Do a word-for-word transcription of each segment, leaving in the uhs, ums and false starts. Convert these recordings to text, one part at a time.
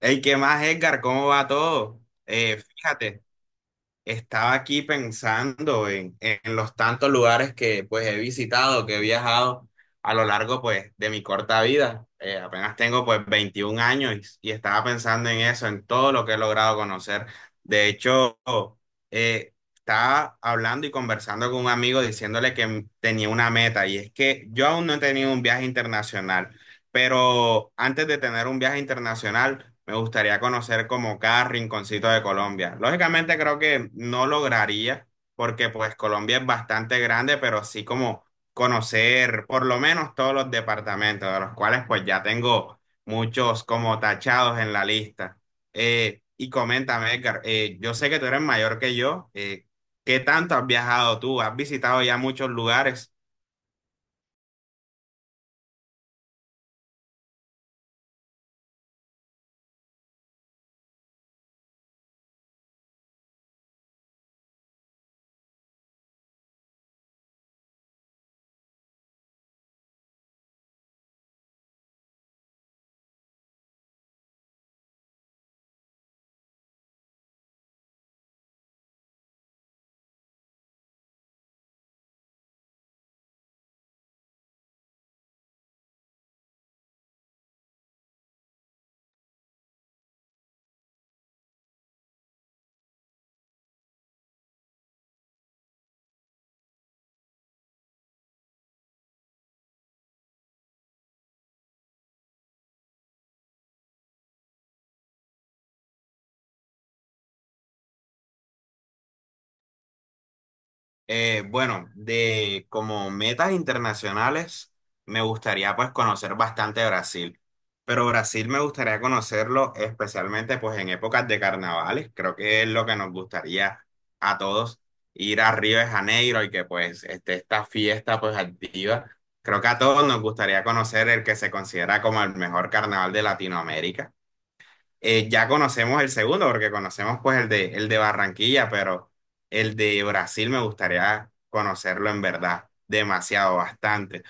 Hey, ¿qué más, Edgar? ¿Cómo va todo? Eh, fíjate, estaba aquí pensando en, en los tantos lugares que pues he visitado, que he viajado a lo largo pues de mi corta vida. Eh, apenas tengo pues veintiún años y, y estaba pensando en eso, en todo lo que he logrado conocer. De hecho, eh, estaba hablando y conversando con un amigo diciéndole que tenía una meta y es que yo aún no he tenido un viaje internacional. Pero antes de tener un viaje internacional, me gustaría conocer como cada rinconcito de Colombia. Lógicamente creo que no lograría, porque pues Colombia es bastante grande, pero sí como conocer por lo menos todos los departamentos, de los cuales pues ya tengo muchos como tachados en la lista. Eh, y coméntame, Edgar, eh, yo sé que tú eres mayor que yo. Eh, ¿qué tanto has viajado tú? ¿Has visitado ya muchos lugares? Eh, bueno, de como metas internacionales, me gustaría pues conocer bastante Brasil, pero Brasil me gustaría conocerlo especialmente pues en épocas de carnavales, creo que es lo que nos gustaría a todos, ir a Río de Janeiro y que pues esté esta fiesta pues activa. Creo que a todos nos gustaría conocer el que se considera como el mejor carnaval de Latinoamérica. Eh, ya conocemos el segundo, porque conocemos pues el de, el de Barranquilla, pero el de Brasil me gustaría conocerlo en verdad, demasiado, bastante.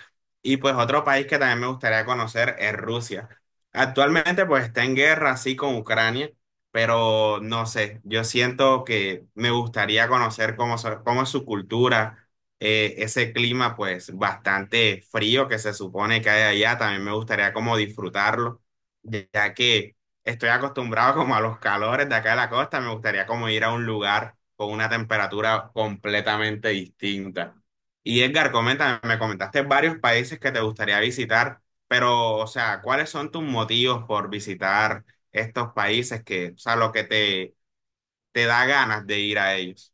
Y pues otro país que también me gustaría conocer es Rusia. Actualmente pues está en guerra así con Ucrania, pero no sé, yo siento que me gustaría conocer cómo, so- cómo es su cultura, eh, ese clima pues bastante frío que se supone que hay allá, también me gustaría como disfrutarlo, ya que estoy acostumbrado como a los calores de acá de la costa. Me gustaría como ir a un lugar con una temperatura completamente distinta. Y Edgar, comenta, me comentaste varios países que te gustaría visitar, pero, o sea, ¿cuáles son tus motivos por visitar estos países que, o sea, lo que te, te da ganas de ir a ellos?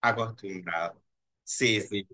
Acostumbrado. Sí, sí.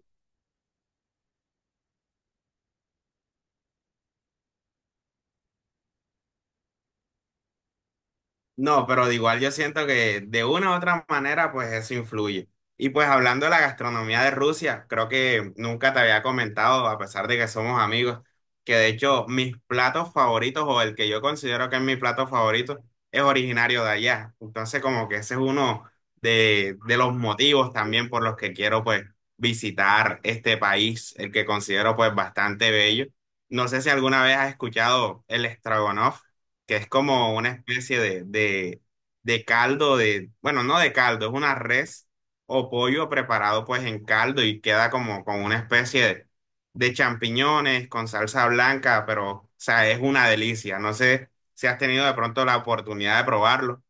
No, pero de igual yo siento que de una u otra manera pues eso influye. Y pues hablando de la gastronomía de Rusia, creo que nunca te había comentado, a pesar de que somos amigos, que de hecho mis platos favoritos o el que yo considero que es mi plato favorito es originario de allá. Entonces como que ese es uno de, de los motivos también por los que quiero pues visitar este país, el que considero pues bastante bello. No sé si alguna vez has escuchado el Stroganoff que es como una especie de, de, de caldo de, bueno, no de caldo, es una res o pollo preparado pues en caldo y queda como con una especie de, de champiñones con salsa blanca, pero, o sea, es una delicia. No sé si has tenido de pronto la oportunidad de probarlo.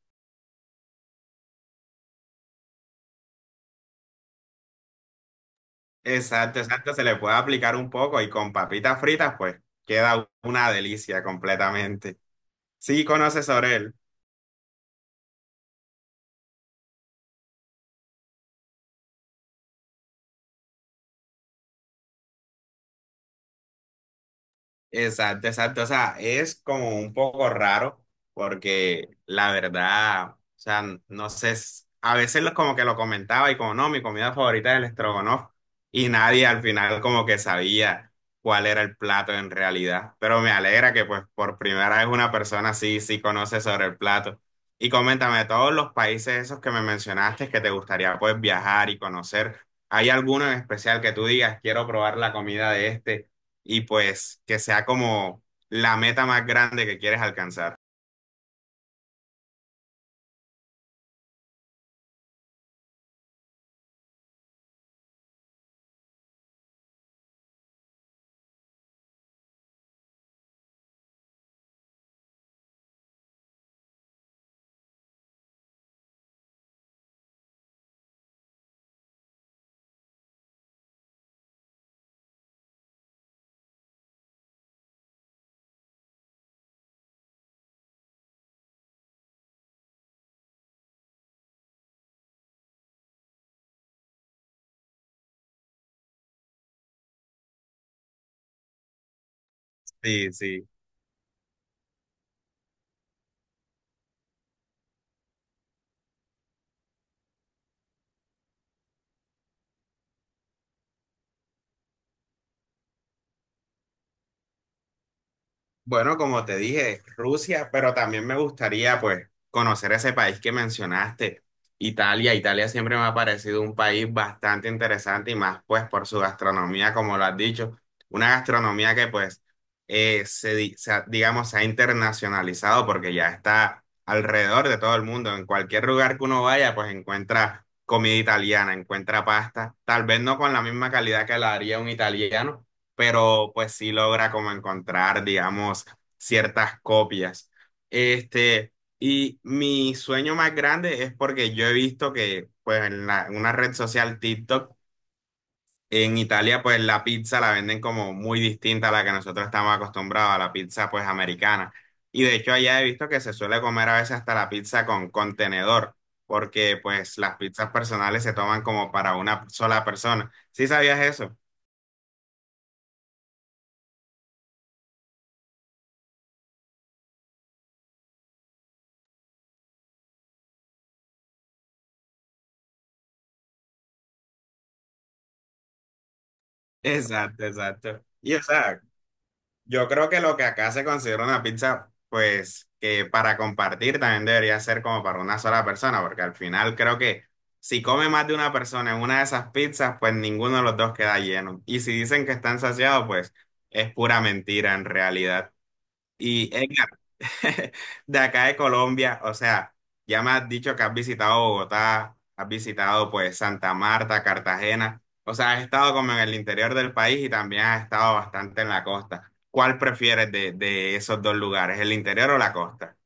Exacto, exacto, se le puede aplicar un poco y con papitas fritas pues queda una delicia completamente. Sí, conoces sobre él. Exacto, exacto. O sea, es como un poco raro porque la verdad, o sea, no sé, s- a veces lo- como que lo comentaba y como no, mi comida favorita es el estrogonofe y nadie al final como que sabía cuál era el plato en realidad. Pero me alegra que pues por primera vez una persona sí, sí conoce sobre el plato. Y coméntame, de todos los países esos que me mencionaste que te gustaría pues viajar y conocer, ¿hay alguno en especial que tú digas, quiero probar la comida de este? Y pues que sea como la meta más grande que quieres alcanzar. Sí, sí. Bueno, como te dije, Rusia, pero también me gustaría pues conocer ese país que mencionaste, Italia. Italia siempre me ha parecido un país bastante interesante y más pues por su gastronomía, como lo has dicho, una gastronomía que pues eh, se, di- se ha- digamos se ha internacionalizado porque ya está alrededor de todo el mundo. En cualquier lugar que uno vaya pues encuentra comida italiana, encuentra pasta, tal vez no con la misma calidad que la haría un italiano pero pues sí logra como encontrar, digamos, ciertas copias. Este, y mi sueño más grande es porque yo he visto que pues en la- en una red social TikTok en Italia pues la pizza la venden como muy distinta a la que nosotros estamos acostumbrados, a la pizza pues americana. Y de hecho allá he visto que se suele comer a veces hasta la pizza con contenedor, porque pues las pizzas personales se toman como para una sola persona. ¿Sí sabías eso? Exacto, exacto. Y o sea, yo creo que lo que acá se considera una pizza, pues que para compartir también debería ser como para una sola persona, porque al final creo que si come más de una persona en una de esas pizzas, pues ninguno de los dos queda lleno. Y si dicen que están saciados, pues es pura mentira en realidad. Y de acá de Colombia, o sea, ya me has dicho que has visitado Bogotá, has visitado pues Santa Marta, Cartagena, o sea, has estado como en el interior del país y también has estado bastante en la costa. ¿Cuál prefieres de, de esos dos lugares, el interior o la costa?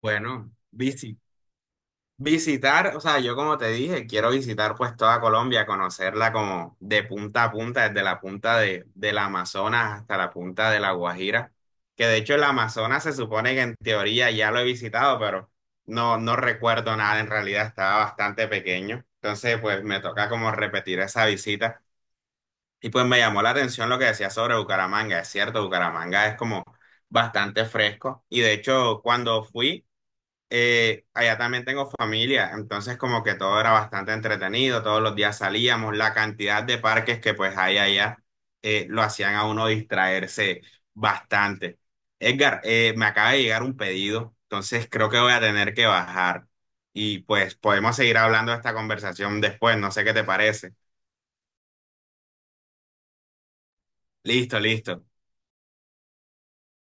Bueno, bici. Visitar, o sea, yo como te dije, quiero visitar pues toda Colombia, conocerla como de punta a punta, desde la punta de, del Amazonas hasta la punta de La Guajira, que de hecho el Amazonas se supone que en teoría ya lo he visitado, pero no, no recuerdo nada, en realidad estaba bastante pequeño, entonces pues me toca como repetir esa visita y pues me llamó la atención lo que decía sobre Bucaramanga, es cierto, Bucaramanga es como bastante fresco y de hecho cuando fui eh, allá también tengo familia, entonces como que todo era bastante entretenido, todos los días salíamos, la cantidad de parques que pues hay allá eh, lo hacían a uno distraerse bastante. Edgar, eh, me acaba de llegar un pedido, entonces creo que voy a tener que bajar y pues podemos seguir hablando de esta conversación después, no sé qué te parece. Listo, listo.